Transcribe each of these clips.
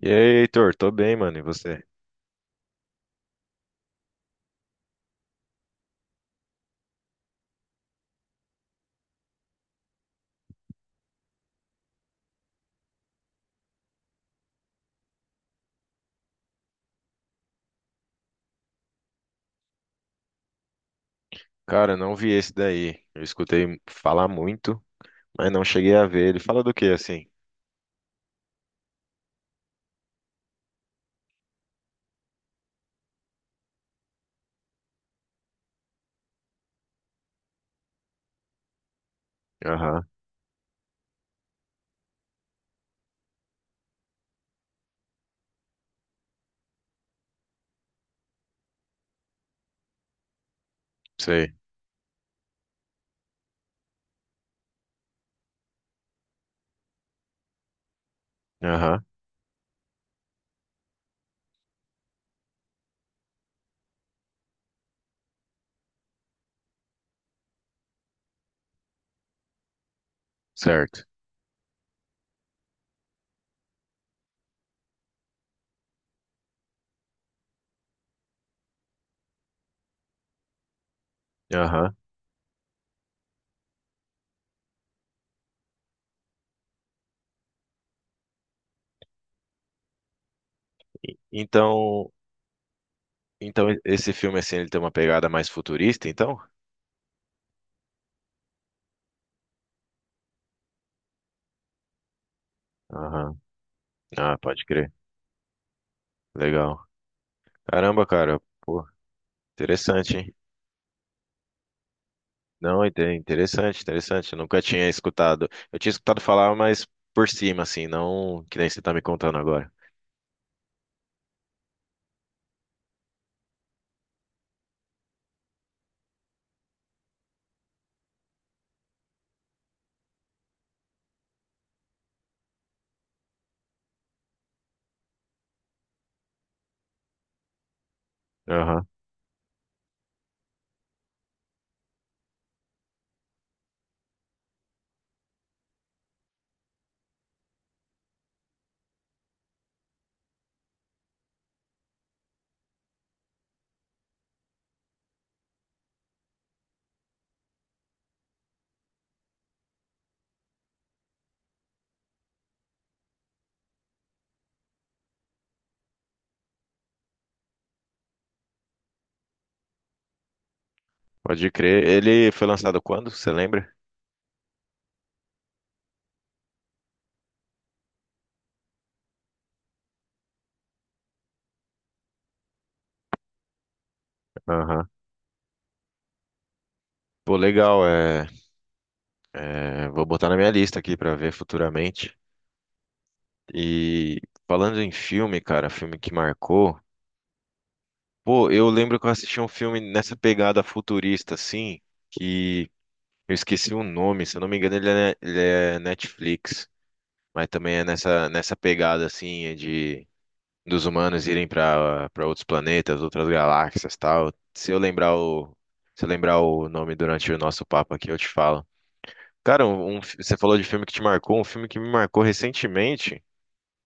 E aí, Heitor, tô bem, mano, e você? Cara, eu não vi esse daí. Eu escutei falar muito, mas não cheguei a ver. Ele fala do quê, assim? Aham, sei. Aham, certo. Aham. Então, então esse filme, assim, ele tem uma pegada mais futurista, então? Aham. Ah, pode crer. Legal. Caramba, cara, pô, interessante, hein? Não, interessante, interessante. Eu nunca tinha escutado. Eu tinha escutado falar, mas por cima, assim, não que nem você tá me contando agora. Pode crer. Ele foi lançado quando? Você lembra? Aham. Pô, legal. Vou botar na minha lista aqui pra ver futuramente. E falando em filme, cara, filme que marcou. Pô, eu lembro que eu assisti um filme nessa pegada futurista, assim, que eu esqueci o nome. Se eu não me engano, ele é Netflix. Mas também é nessa pegada, assim, é de dos humanos irem para outros planetas, outras galáxias, tal. Se eu lembrar o nome durante o nosso papo aqui, eu te falo. Cara, você falou de filme que te marcou, um filme que me marcou recentemente.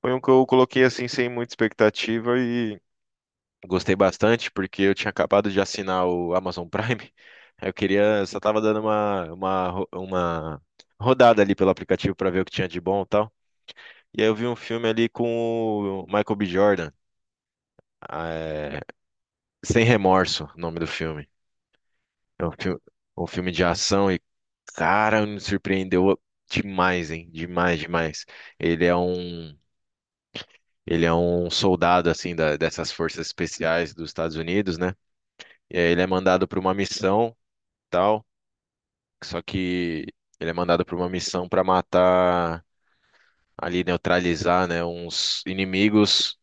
Foi um que eu coloquei assim sem muita expectativa e gostei bastante porque eu tinha acabado de assinar o Amazon Prime. Eu queria, só tava dando uma rodada ali pelo aplicativo para ver o que tinha de bom e tal. E aí eu vi um filme ali com o Michael B. Jordan. eh, Sem Remorso, o nome do filme. É um filme, um filme de ação e, cara, me surpreendeu demais, hein? Demais, demais. Ele é um, ele é um soldado, assim, dessas forças especiais dos Estados Unidos, né? E aí ele é mandado para uma missão, tal, só que ele é mandado para uma missão para matar, ali, neutralizar, né, uns inimigos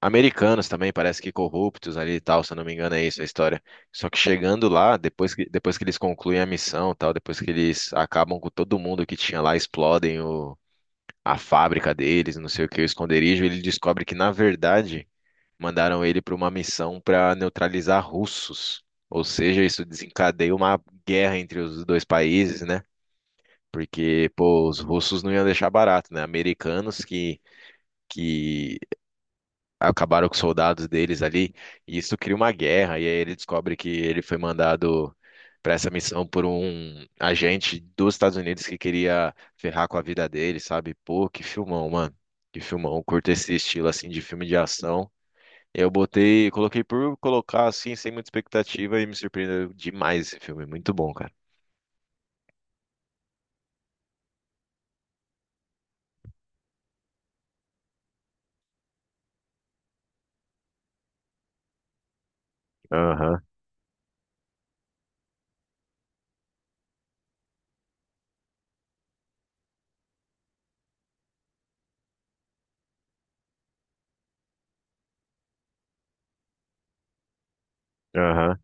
americanos também, parece que corruptos ali e tal, se eu não me engano, é isso a história. Só que chegando lá, depois que eles concluem a missão, e tal, depois que eles acabam com todo mundo que tinha lá, explodem a fábrica deles, não sei o que, o esconderijo, ele descobre que, na verdade, mandaram ele para uma missão para neutralizar russos. Ou seja, isso desencadeia uma guerra entre os dois países, né? Porque, pô, os russos não iam deixar barato, né? Americanos que acabaram com os soldados deles ali, e isso cria uma guerra, e aí ele descobre que ele foi mandado para essa missão por um agente dos Estados Unidos que queria ferrar com a vida dele, sabe? Pô, que filmão, mano. Que filmão. Eu curto esse estilo assim de filme de ação. Coloquei por colocar assim, sem muita expectativa, e me surpreendeu demais esse filme. Muito bom, cara. Aham, aham.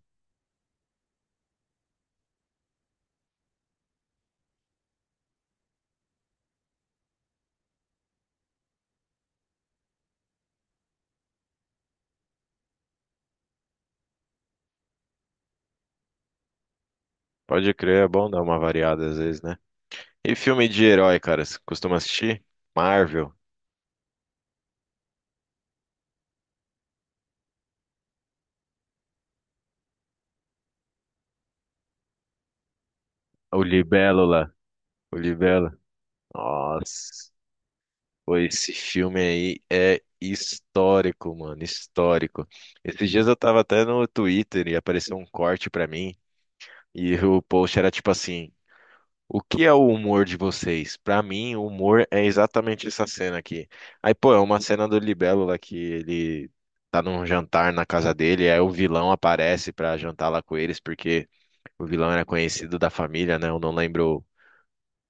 Pode crer, é bom dar uma variada às vezes, né? E filme de herói, cara? Você costuma assistir? Marvel, o Libélula. O Libelo. Nossa, pô, esse filme aí é histórico, mano, histórico. Esses dias eu tava até no Twitter e apareceu um corte pra mim e o post era tipo assim: o que é o humor de vocês? Pra mim, o humor é exatamente essa cena aqui. Aí, pô, é uma cena do Libelo lá que ele tá num jantar na casa dele, aí o vilão aparece pra jantar lá com eles porque o vilão era conhecido da família, né? Eu não lembro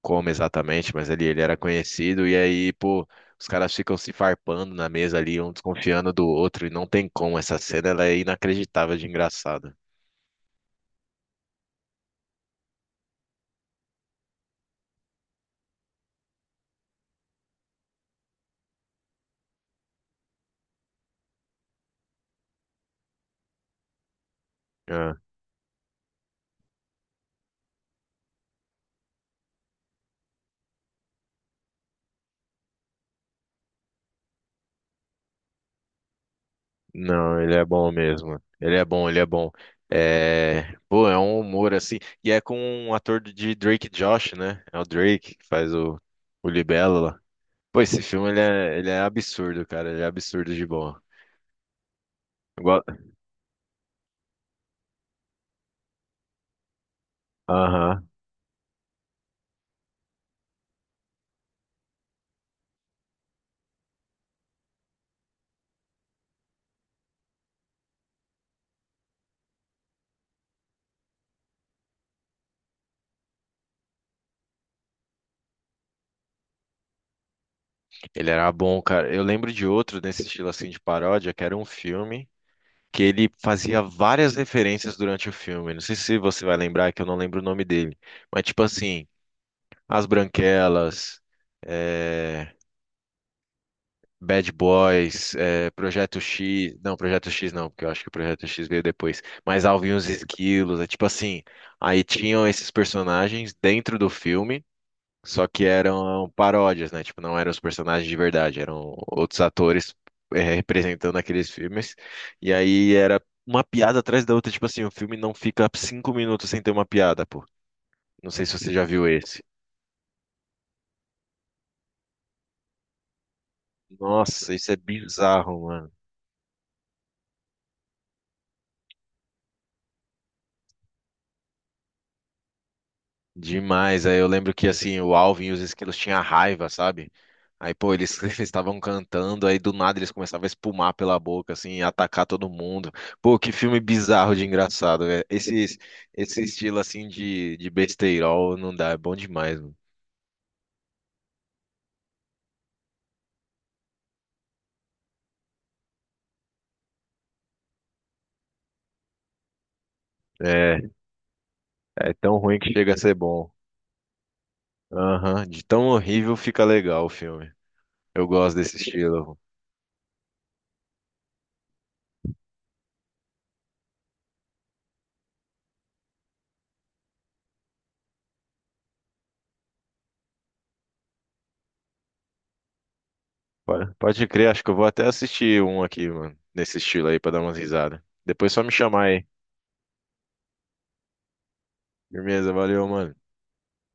como exatamente, mas ele era conhecido, e aí, pô, os caras ficam se farpando na mesa ali, um desconfiando do outro, e não tem como. Essa cena ela é inacreditável de engraçada. Ah, não, ele é bom mesmo. Ele é bom, ele é bom. É, pô, é um humor assim. E é com um ator de Drake Josh, né? É o Drake que faz o Libelo lá. Pô, esse filme ele é absurdo, cara. Ele é absurdo de bom. Igual- Aham. Ele era bom, cara. Eu lembro de outro nesse estilo assim de paródia, que era um filme que ele fazia várias referências durante o filme. Não sei se você vai lembrar, que eu não lembro o nome dele. Mas, tipo assim, As Branquelas, eh, Bad Boys, Projeto X. Não, Projeto X não, porque eu acho que o Projeto X veio depois. Mas Alvin e os Esquilos, é tipo assim. Aí tinham esses personagens dentro do filme. Só que eram paródias, né? Tipo, não eram os personagens de verdade, eram outros atores representando aqueles filmes. E aí era uma piada atrás da outra. Tipo assim, o filme não fica 5 minutos sem ter uma piada, pô. Não sei se você já viu esse. Nossa, isso é bizarro, demais. Aí eu lembro que assim, o Alvin e os esquilos tinham raiva, sabe? Aí, pô, eles eles estavam cantando, aí do nada eles começavam a espumar pela boca, assim, e atacar todo mundo. Pô, que filme bizarro de engraçado, velho. Esse estilo, assim, de besteirol não dá, é bom demais, mano. É, é tão ruim que chega a ser bom. Aham, de tão horrível fica legal o filme. Eu gosto desse estilo. Pode, pode crer, acho que eu vou até assistir um aqui, mano, nesse estilo aí, pra dar umas risadas. Depois só me chamar aí. Firmeza, valeu, mano.